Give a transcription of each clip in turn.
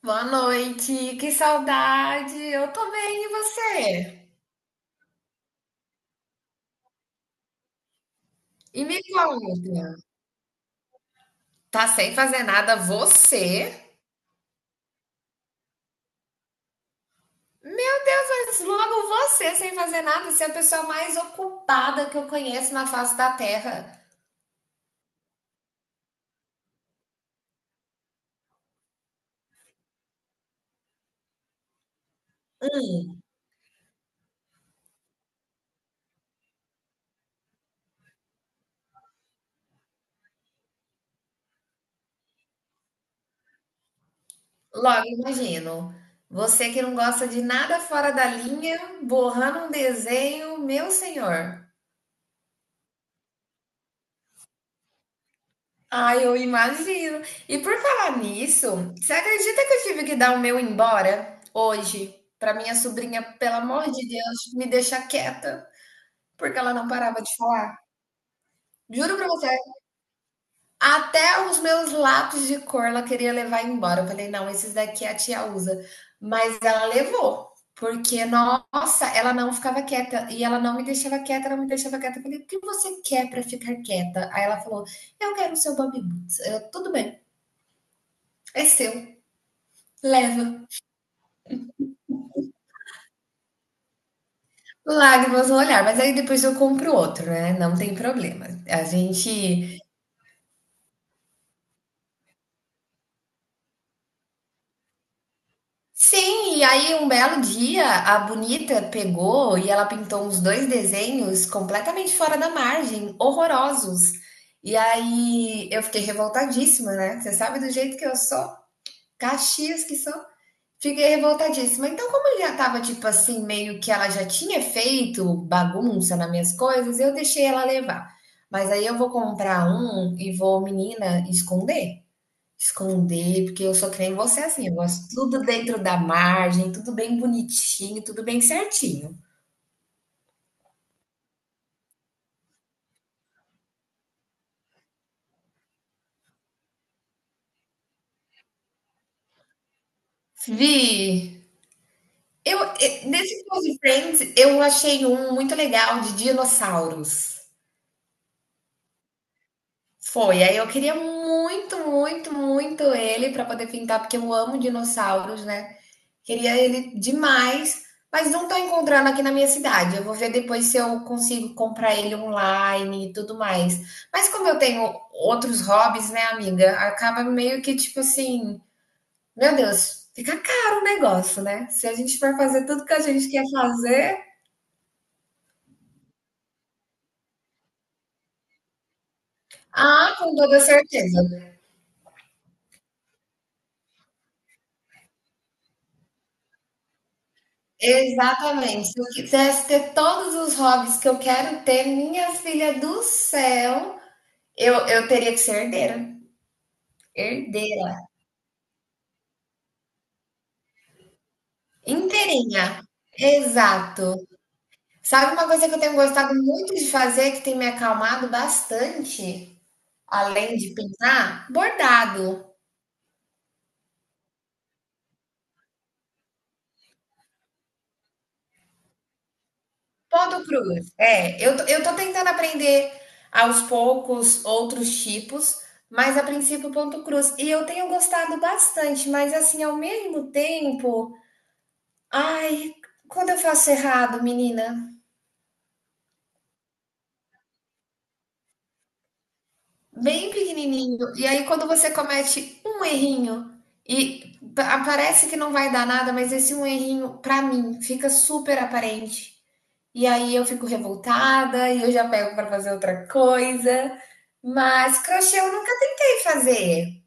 Boa noite, que saudade! Eu tô bem, e você? E me conta, tá sem fazer nada você? Meu Deus, mas logo você sem fazer nada, você é a pessoa mais ocupada que eu conheço na face da Terra. Logo, imagino, você que não gosta de nada fora da linha, borrando um desenho, meu senhor. Ai, eu imagino. E por falar nisso, você acredita que eu tive que dar o meu embora hoje para minha sobrinha, pelo amor de Deus, me deixa quieta, porque ela não parava de falar? Juro pra você, até os meus lápis de cor ela queria levar embora. Eu falei, não, esses daqui a tia usa. Mas ela levou, porque, nossa, ela não ficava quieta e ela não me deixava quieta, ela não me deixava quieta. Eu falei, o que você quer para ficar quieta? Aí ela falou, eu quero o seu Bob Boots. Eu, tudo bem, é seu. Leva lágrimas no olhar, mas aí depois eu compro outro, né? Não tem problema. A gente. Sim, e aí um belo dia a bonita pegou e ela pintou uns dois desenhos completamente fora da margem, horrorosos. E aí eu fiquei revoltadíssima, né? Você sabe do jeito que eu sou? Caxias que sou. Fiquei revoltadíssima. Então, como ele já tava, tipo assim, meio que ela já tinha feito bagunça nas minhas coisas, eu deixei ela levar. Mas aí eu vou comprar um e vou, menina, esconder. Esconder, porque eu sou que nem você assim, eu gosto tudo dentro da margem, tudo bem bonitinho, tudo bem certinho. Vi, nesse Close Friends, eu achei um muito legal de dinossauros. Foi. Aí eu queria muito, muito, muito ele para poder pintar, porque eu amo dinossauros, né? Queria ele demais, mas não tô encontrando aqui na minha cidade. Eu vou ver depois se eu consigo comprar ele online e tudo mais. Mas como eu tenho outros hobbies, né, amiga? Acaba meio que tipo assim, meu Deus, fica caro o negócio, né? Se a gente for fazer tudo que a gente quer fazer, ah, com toda certeza. Exatamente. Se eu quisesse ter todos os hobbies que eu quero ter, minha filha do céu, eu teria que ser herdeira. Herdeira. Inteirinha. Exato. Sabe uma coisa que eu tenho gostado muito de fazer, que tem me acalmado bastante, além de pintar? Bordado. Ponto cruz. É, eu tô tentando aprender aos poucos outros tipos, mas a princípio ponto cruz. E eu tenho gostado bastante, mas assim, ao mesmo tempo, ai, quando eu faço errado, menina, bem pequenininho, e aí quando você comete um errinho e parece que não vai dar nada, mas esse um errinho, pra mim, fica super aparente. E aí eu fico revoltada e eu já pego para fazer outra coisa. Mas crochê eu nunca tentei fazer.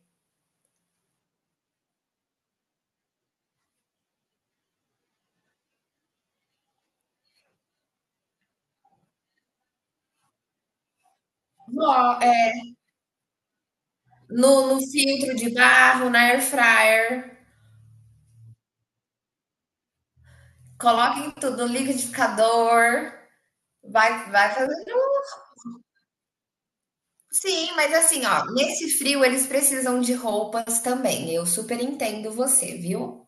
Ó, é, no filtro de barro, na air fryer, coloca tudo, no liquidificador, vai, vai fazendo. Um. Sim, mas assim, ó, nesse frio eles precisam de roupas também. Eu super entendo você, viu?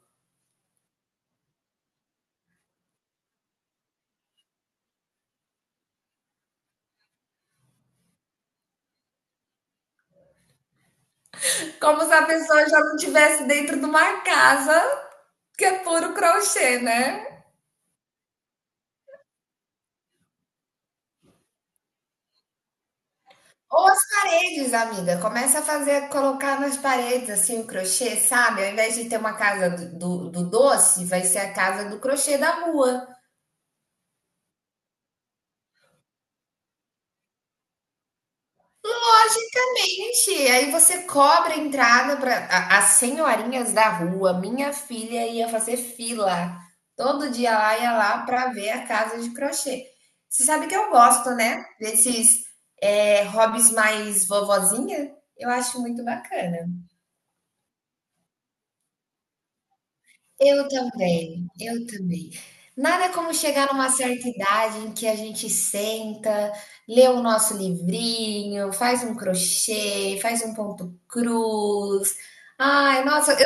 Como se a pessoa já não estivesse dentro de uma casa que é puro crochê, né? Ou as paredes, amiga. Começa a fazer, colocar nas paredes, assim, o crochê, sabe? Ao invés de ter uma casa do doce, vai ser a casa do crochê da rua. Logicamente. Aí você cobra a entrada para as senhorinhas da rua. Minha filha ia fazer fila. Todo dia lá ia lá para ver a casa de crochê. Você sabe que eu gosto, né? Desses hobbies mais vovozinha. Eu acho muito bacana. Eu também, eu também. Nada como chegar numa certa idade em que a gente senta, lê o nosso livrinho, faz um crochê, faz um ponto cruz. Ai, nossa, eu tô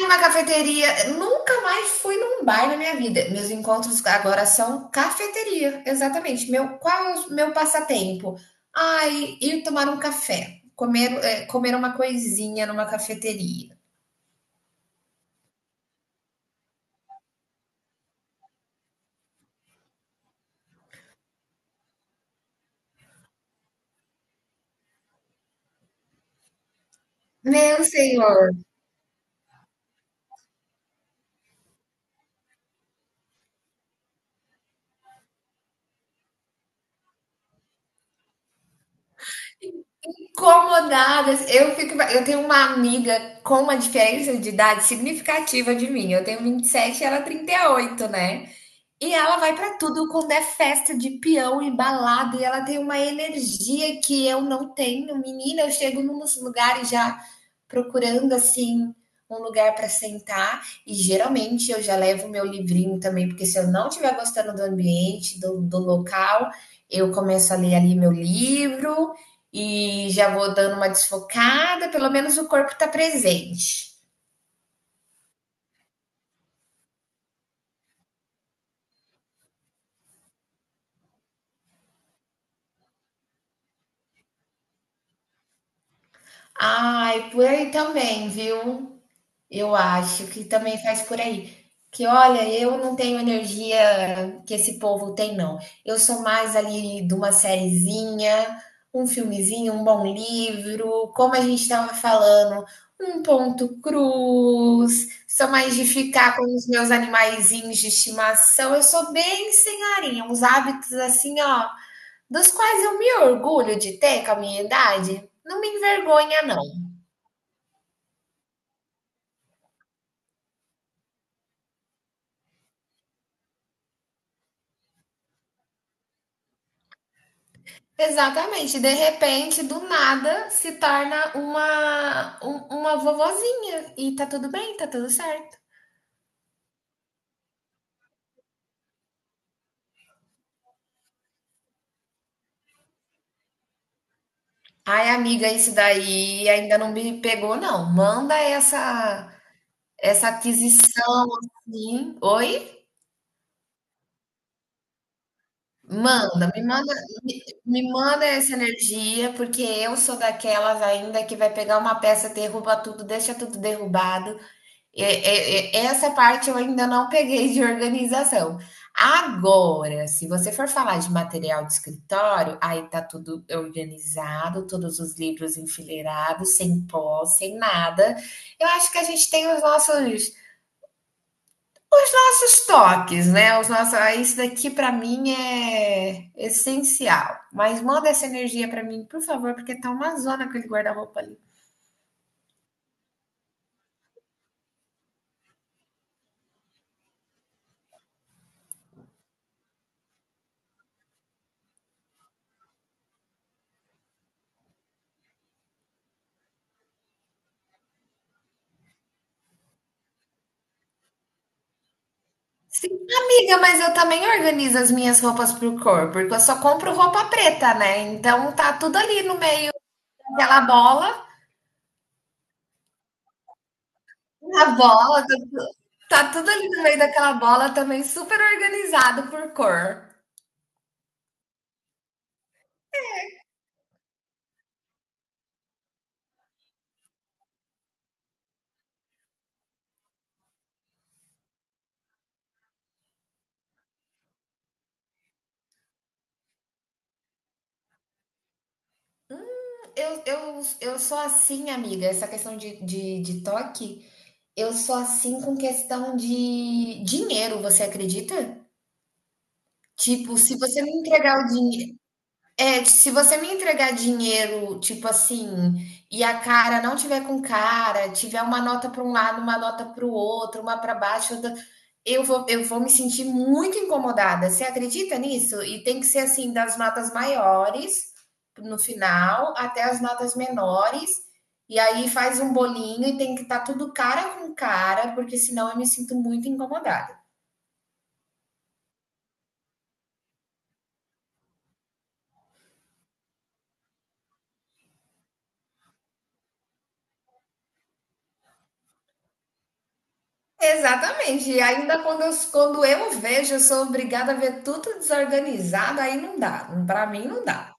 em uma cafeteria, nunca mais fui num bar na minha vida. Meus encontros agora são cafeteria, exatamente. Meu, qual é o meu passatempo? Ai, ir tomar um café, comer, comer uma coisinha numa cafeteria. Meu senhor. Incomodadas. Eu fico, eu tenho uma amiga com uma diferença de idade significativa de mim. Eu tenho 27 e ela 38, né? E ela vai pra tudo quando é festa de peão e balada, e ela tem uma energia que eu não tenho. Menina, eu chego nos lugares já procurando assim um lugar para sentar e geralmente eu já levo meu livrinho também, porque se eu não estiver gostando do ambiente, do local, eu começo a ler ali meu livro e já vou dando uma desfocada, pelo menos o corpo tá presente. Ai, por aí também, viu? Eu acho que também faz por aí. Que olha, eu não tenho energia que esse povo tem, não. Eu sou mais ali de uma sériezinha, um filmezinho, um bom livro, como a gente estava falando, um ponto cruz. Sou mais de ficar com os meus animaizinhos de estimação. Eu sou bem senhorinha, uns hábitos assim, ó, dos quais eu me orgulho de ter com a minha idade. Não me envergonha, não. Exatamente, de repente, do nada, se torna uma, uma vovozinha e tá tudo bem, tá tudo certo. Ai, amiga, isso daí ainda não me pegou, não. Manda essa essa aquisição assim. Oi? Manda, me manda, me manda essa energia, porque eu sou daquelas ainda que vai pegar uma peça, derruba tudo, deixa tudo derrubado. É, essa parte eu ainda não peguei de organização. Agora, se você for falar de material de escritório, aí tá tudo organizado, todos os livros enfileirados, sem pó, sem nada. Eu acho que a gente tem os nossos toques, né? Os nossos, ah, isso daqui para mim é essencial. Mas manda essa energia para mim, por favor, porque tá uma zona aquele guarda-roupa ali. Sim, amiga, mas eu também organizo as minhas roupas por cor, porque eu só compro roupa preta, né? Então tá tudo ali no meio daquela bola, na bola, tá tudo ali no meio daquela bola também, super organizado por cor. Eu sou assim, amiga, essa questão de, de toque, eu sou assim com questão de dinheiro, você acredita? Tipo, se você me entregar o dinheiro. É, se você me entregar dinheiro, tipo assim, e a cara não tiver com cara, tiver uma nota para um lado, uma nota para o outro, uma para baixo, outra- eu vou me sentir muito incomodada. Você acredita nisso? E tem que ser assim, das notas maiores no final até as notas menores. E aí faz um bolinho e tem que estar tudo cara com cara, porque senão eu me sinto muito incomodada. Exatamente. E ainda quando eu vejo, eu sou obrigada a ver tudo desorganizado, aí não dá. Para mim não dá.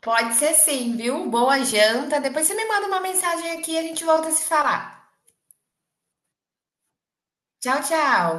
Pode ser sim, viu? Boa janta. Depois você me manda uma mensagem aqui e a gente volta a se falar. Tchau, tchau.